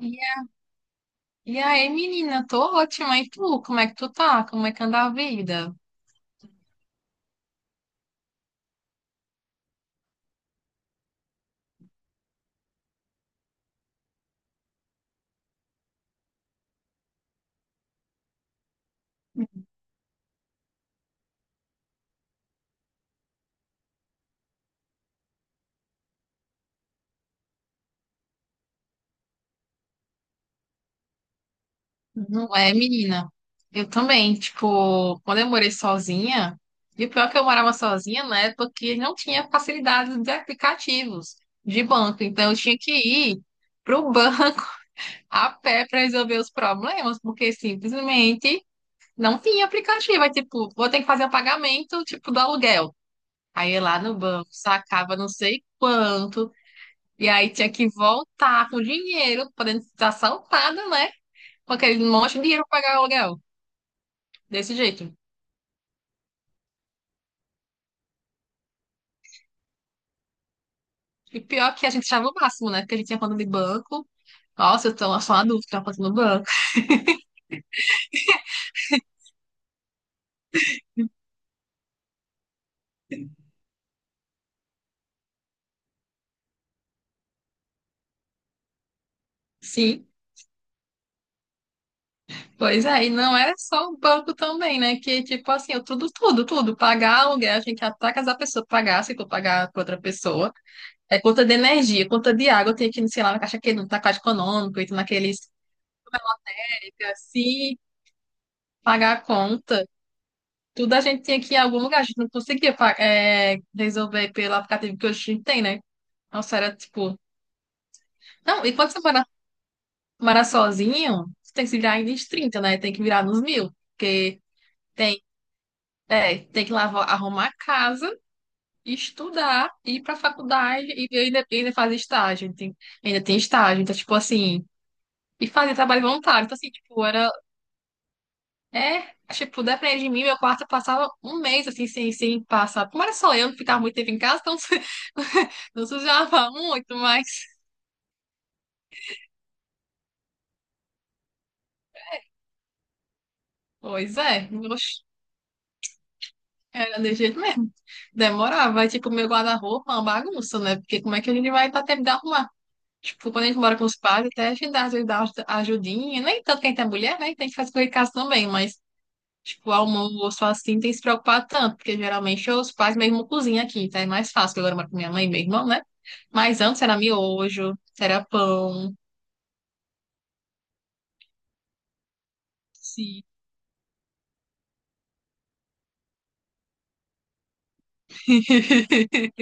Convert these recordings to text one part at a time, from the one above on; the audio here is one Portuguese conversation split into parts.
E a- e aí, menina, tô ótima. E tu, como é que tu tá? Como é que anda a vida? Não é, menina? Eu também, tipo, quando eu morei sozinha, e o pior é que eu morava sozinha na época que não tinha facilidade de aplicativos de banco. Então, eu tinha que ir pro banco a pé para resolver os problemas, porque simplesmente não tinha aplicativo. Aí, tipo, vou ter que fazer o pagamento, tipo, do aluguel. Aí, eu ia lá no banco, sacava não sei quanto. E aí tinha que voltar com dinheiro, podendo estar assaltada, né? Com aquele monte de dinheiro pra pagar o aluguel. Desse jeito. E pior que a gente achava o máximo, né? Porque a gente tinha conta de banco. Nossa, eu tô só uma dúvida, tinha conta no banco. Sim. Pois é, e não era só o banco também, né? Que, tipo assim, eu tudo. Pagar aluguel, tinha que ir até casar a pessoa pagar, se for pagar pra outra pessoa. É conta de energia, conta de água, eu tinha que ir, sei lá, na caixa que não tá caixa econômico, e naqueles assim, pagar a conta. Tudo a gente tinha que ir em algum lugar, a gente não conseguia resolver pelo aplicativo que hoje a gente tem, né? Nossa, era tipo. Não, e quando você mora sozinho, você tem que se virar ainda nos trinta, né? Tem que virar nos mil. Porque tem, tem que lavar, arrumar a casa, estudar, ir pra faculdade e ainda fazer estágio. Tem, ainda tem estágio. Então, tipo assim, e fazer trabalho voluntário. Então, assim, tipo, era. É, tipo, depende de mim, meu quarto eu passava um mês assim, sem passar. Como era só eu, não ficava muito tempo em casa, então não sujava muito, mas. Pois é, oxe, era de jeito mesmo. Demorava, aí, tipo, meu guarda-roupa é uma bagunça, né? Porque como é que a gente vai dar tempo de arrumar? Tipo, quando a gente mora com os pais, até a gente dá, às vezes dá uma ajudinha, nem tanto quem tem mulher, né? Tem que fazer coisa em casa também, mas. Tipo, almoço assim, tem que se preocupar tanto, porque geralmente os pais mesmo cozinham aqui, tá, é mais fácil, que agora eu moro com minha mãe e meu irmão, né? Mas antes era miojo, era pão, sim.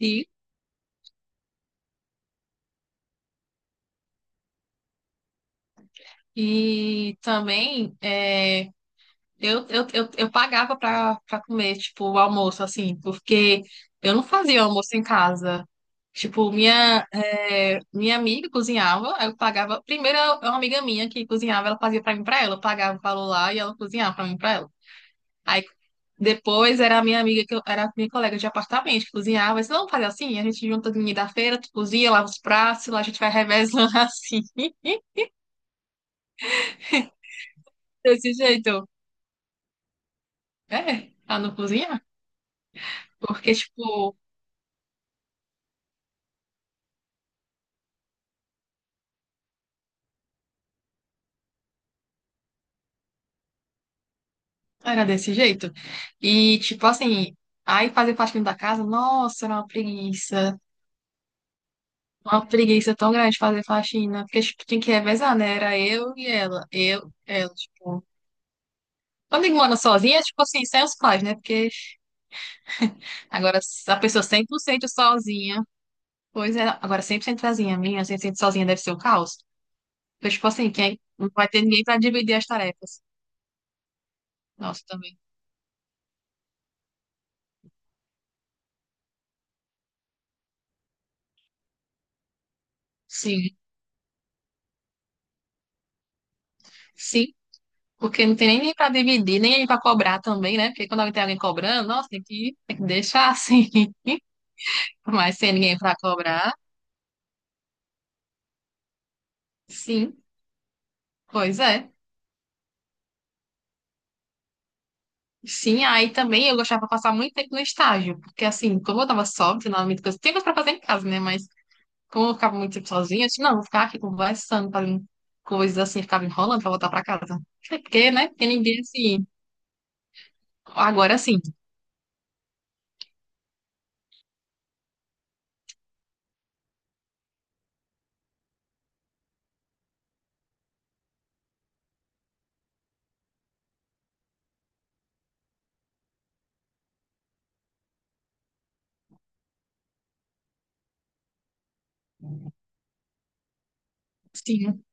E, e também é, eu pagava pra comer, tipo, o almoço, assim, porque eu não fazia almoço em casa. Tipo, minha, é, minha amiga cozinhava, aí eu pagava. Primeiro, uma amiga minha que cozinhava, ela fazia pra mim, e pra ela. Eu pagava o valor lá e ela cozinhava pra mim, e pra ela. Aí depois era a minha amiga, que eu, era a minha colega de apartamento, que cozinhava. Eu disse, não, fazer assim, a gente junta ninguém da feira, tu cozinha, lava os pratos, lá a gente vai revezando assim. Desse jeito. É, pra não cozinhar. Porque, tipo, era desse jeito. E, tipo assim, aí fazer faxina da casa, nossa, era uma preguiça. Uma preguiça tão grande fazer faxina. Porque, tipo, tinha que revezar, né? Era eu e ela. Eu, ela, tipo. Quando eu moro sozinha, tipo assim, sem os pais, né? Porque. Agora, se a pessoa cem por cento sozinha, pois é, agora 100% sozinha, minha, 100% sozinha deve ser o caos. Porque, tipo assim, quem não vai ter ninguém para dividir as tarefas. Nossa, também. Sim, sim, porque não tem nem ninguém para dividir, nem ninguém para cobrar também, né? Porque quando alguém tem alguém cobrando, nossa, tem que deixar assim. Mas sem ninguém para cobrar, sim, pois é. Sim, aí também eu gostava de passar muito tempo no estágio, porque assim, como eu tava só, não tinha coisas para fazer em casa, né? Mas como eu ficava muito tempo sozinha, eu disse, não, vou ficar aqui conversando, fazendo coisas assim, ficava enrolando pra voltar pra casa. Até porque, né? Porque ninguém, assim, agora sim, sim,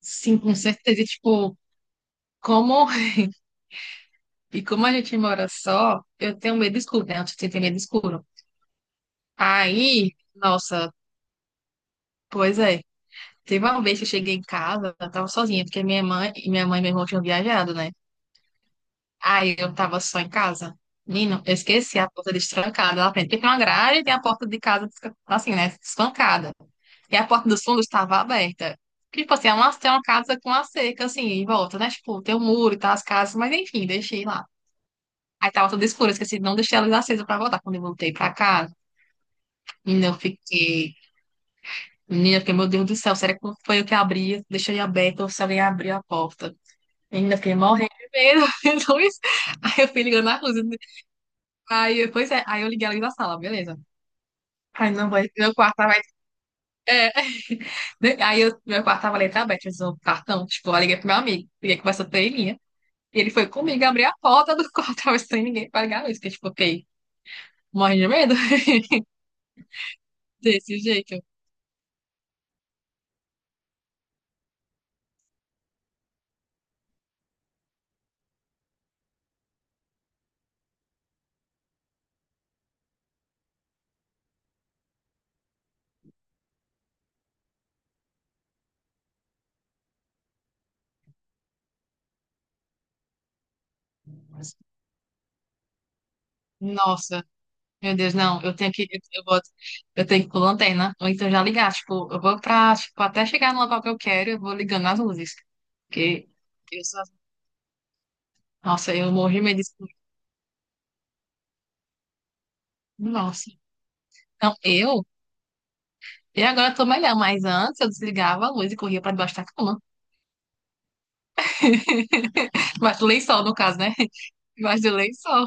sim, com certeza. E, tipo, como, e como a gente mora só, eu tenho medo escuro, né? Eu tenho medo escuro. Aí, nossa, pois é. Teve uma vez que eu cheguei em casa, eu tava sozinha, porque minha mãe e meu irmão tinham viajado, né? Aí eu tava só em casa. Menino, eu esqueci a porta destrancada lá frente. Porque tem uma grade e tem a porta de casa, assim, né? Espancada. E a porta dos fundos estava aberta. Porque, tipo assim, é uma, tem uma casa com a cerca, assim, em volta, né? Tipo, tem um muro e tal, as casas, mas enfim, deixei lá. Aí tava tudo escuro, eu esqueci, não deixei a luz acesa pra voltar. Quando eu voltei pra casa, menina, eu fiquei. Menina, eu fiquei, meu Deus do céu, será que foi eu que abri? Deixei aberta ou se alguém abriu a porta? Menina, eu fiquei morrendo de medo. Aí eu fui ligando a luz. Aí, pois é, aí eu liguei ela ali da sala, beleza. Aí não vai, meu quarto tava. Aí eu, meu quarto tava letra aberta, precisou um cartão. Tipo, eu liguei pro meu amigo, liguei que conversou com ele, né? E ele foi comigo abrir a porta do quarto, tava sem ninguém pra ligar a luz, porque, tipo, ok, morre de medo desse jeito. Nossa, meu Deus, não, eu tenho que, eu vou, eu tenho que ir com lanterna, ou então já ligar, tipo, eu vou pra, tipo, até chegar no local que eu quero, eu vou ligando as luzes, porque eu sou, nossa, eu morri de medo disso. Nossa, não, eu. E agora eu tô melhor, mas antes eu desligava a luz e corria pra debaixo da cama. Debaixo do lençol, no caso, né? Debaixo do lençol.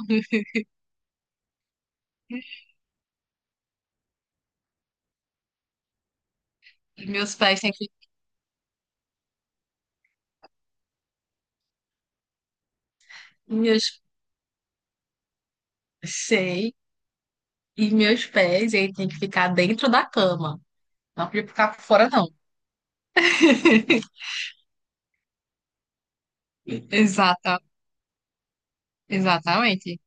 Meus pés têm que. Meus. Sei. E meus pés, ele tem que ficar dentro da cama. Não podia ficar fora, não. Exata, exatamente.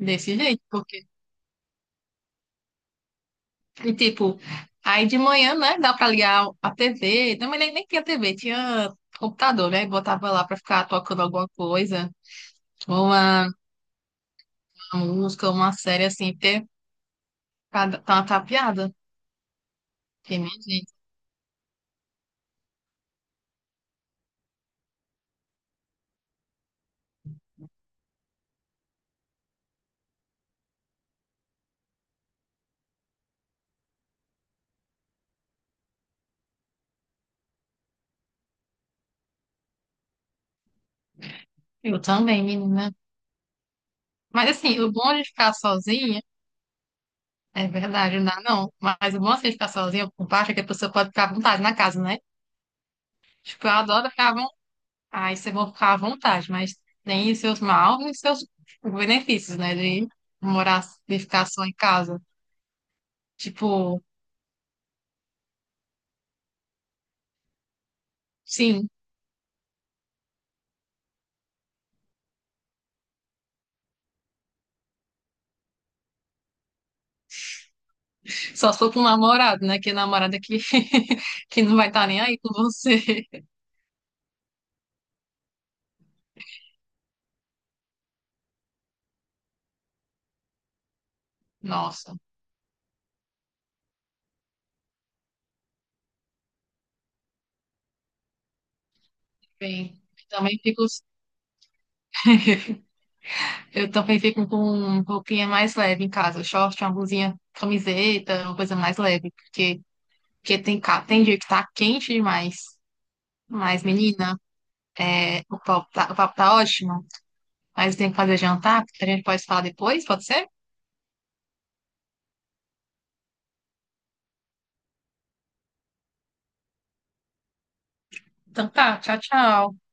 Desse jeito, porque, e, tipo, aí de manhã, né, dá pra ligar a TV. Não, mas nem tinha TV, tinha computador, né? Botava lá pra ficar tocando alguma coisa, uma, uma música, uma série assim, porque. Tá tapeada? Que minha gente. Eu também, menina. Mas assim, o bom de ficar sozinha, é verdade, não dá não. Mas o bom assim, de ficar sozinha, por baixo, é que a pessoa pode ficar à vontade na casa, né? Tipo, eu adoro ficar à vontade. Aí você vai ficar à vontade, mas tem os seus maus e os seus benefícios, né? De morar, de ficar só em casa. Tipo, sim, só se for com um namorado, né? Que namorada que, que não vai estar nem aí com você. Nossa, bem, também fico. Eu também fico com roupinha mais leve em casa, short, uma blusinha, camiseta, uma coisa mais leve, porque, porque tem, tem dia que tá quente demais. Mas, menina, é, o papo tá ótimo, mas tem que fazer jantar, porque a gente pode falar depois, pode ser? Então tá, tchau, tchau.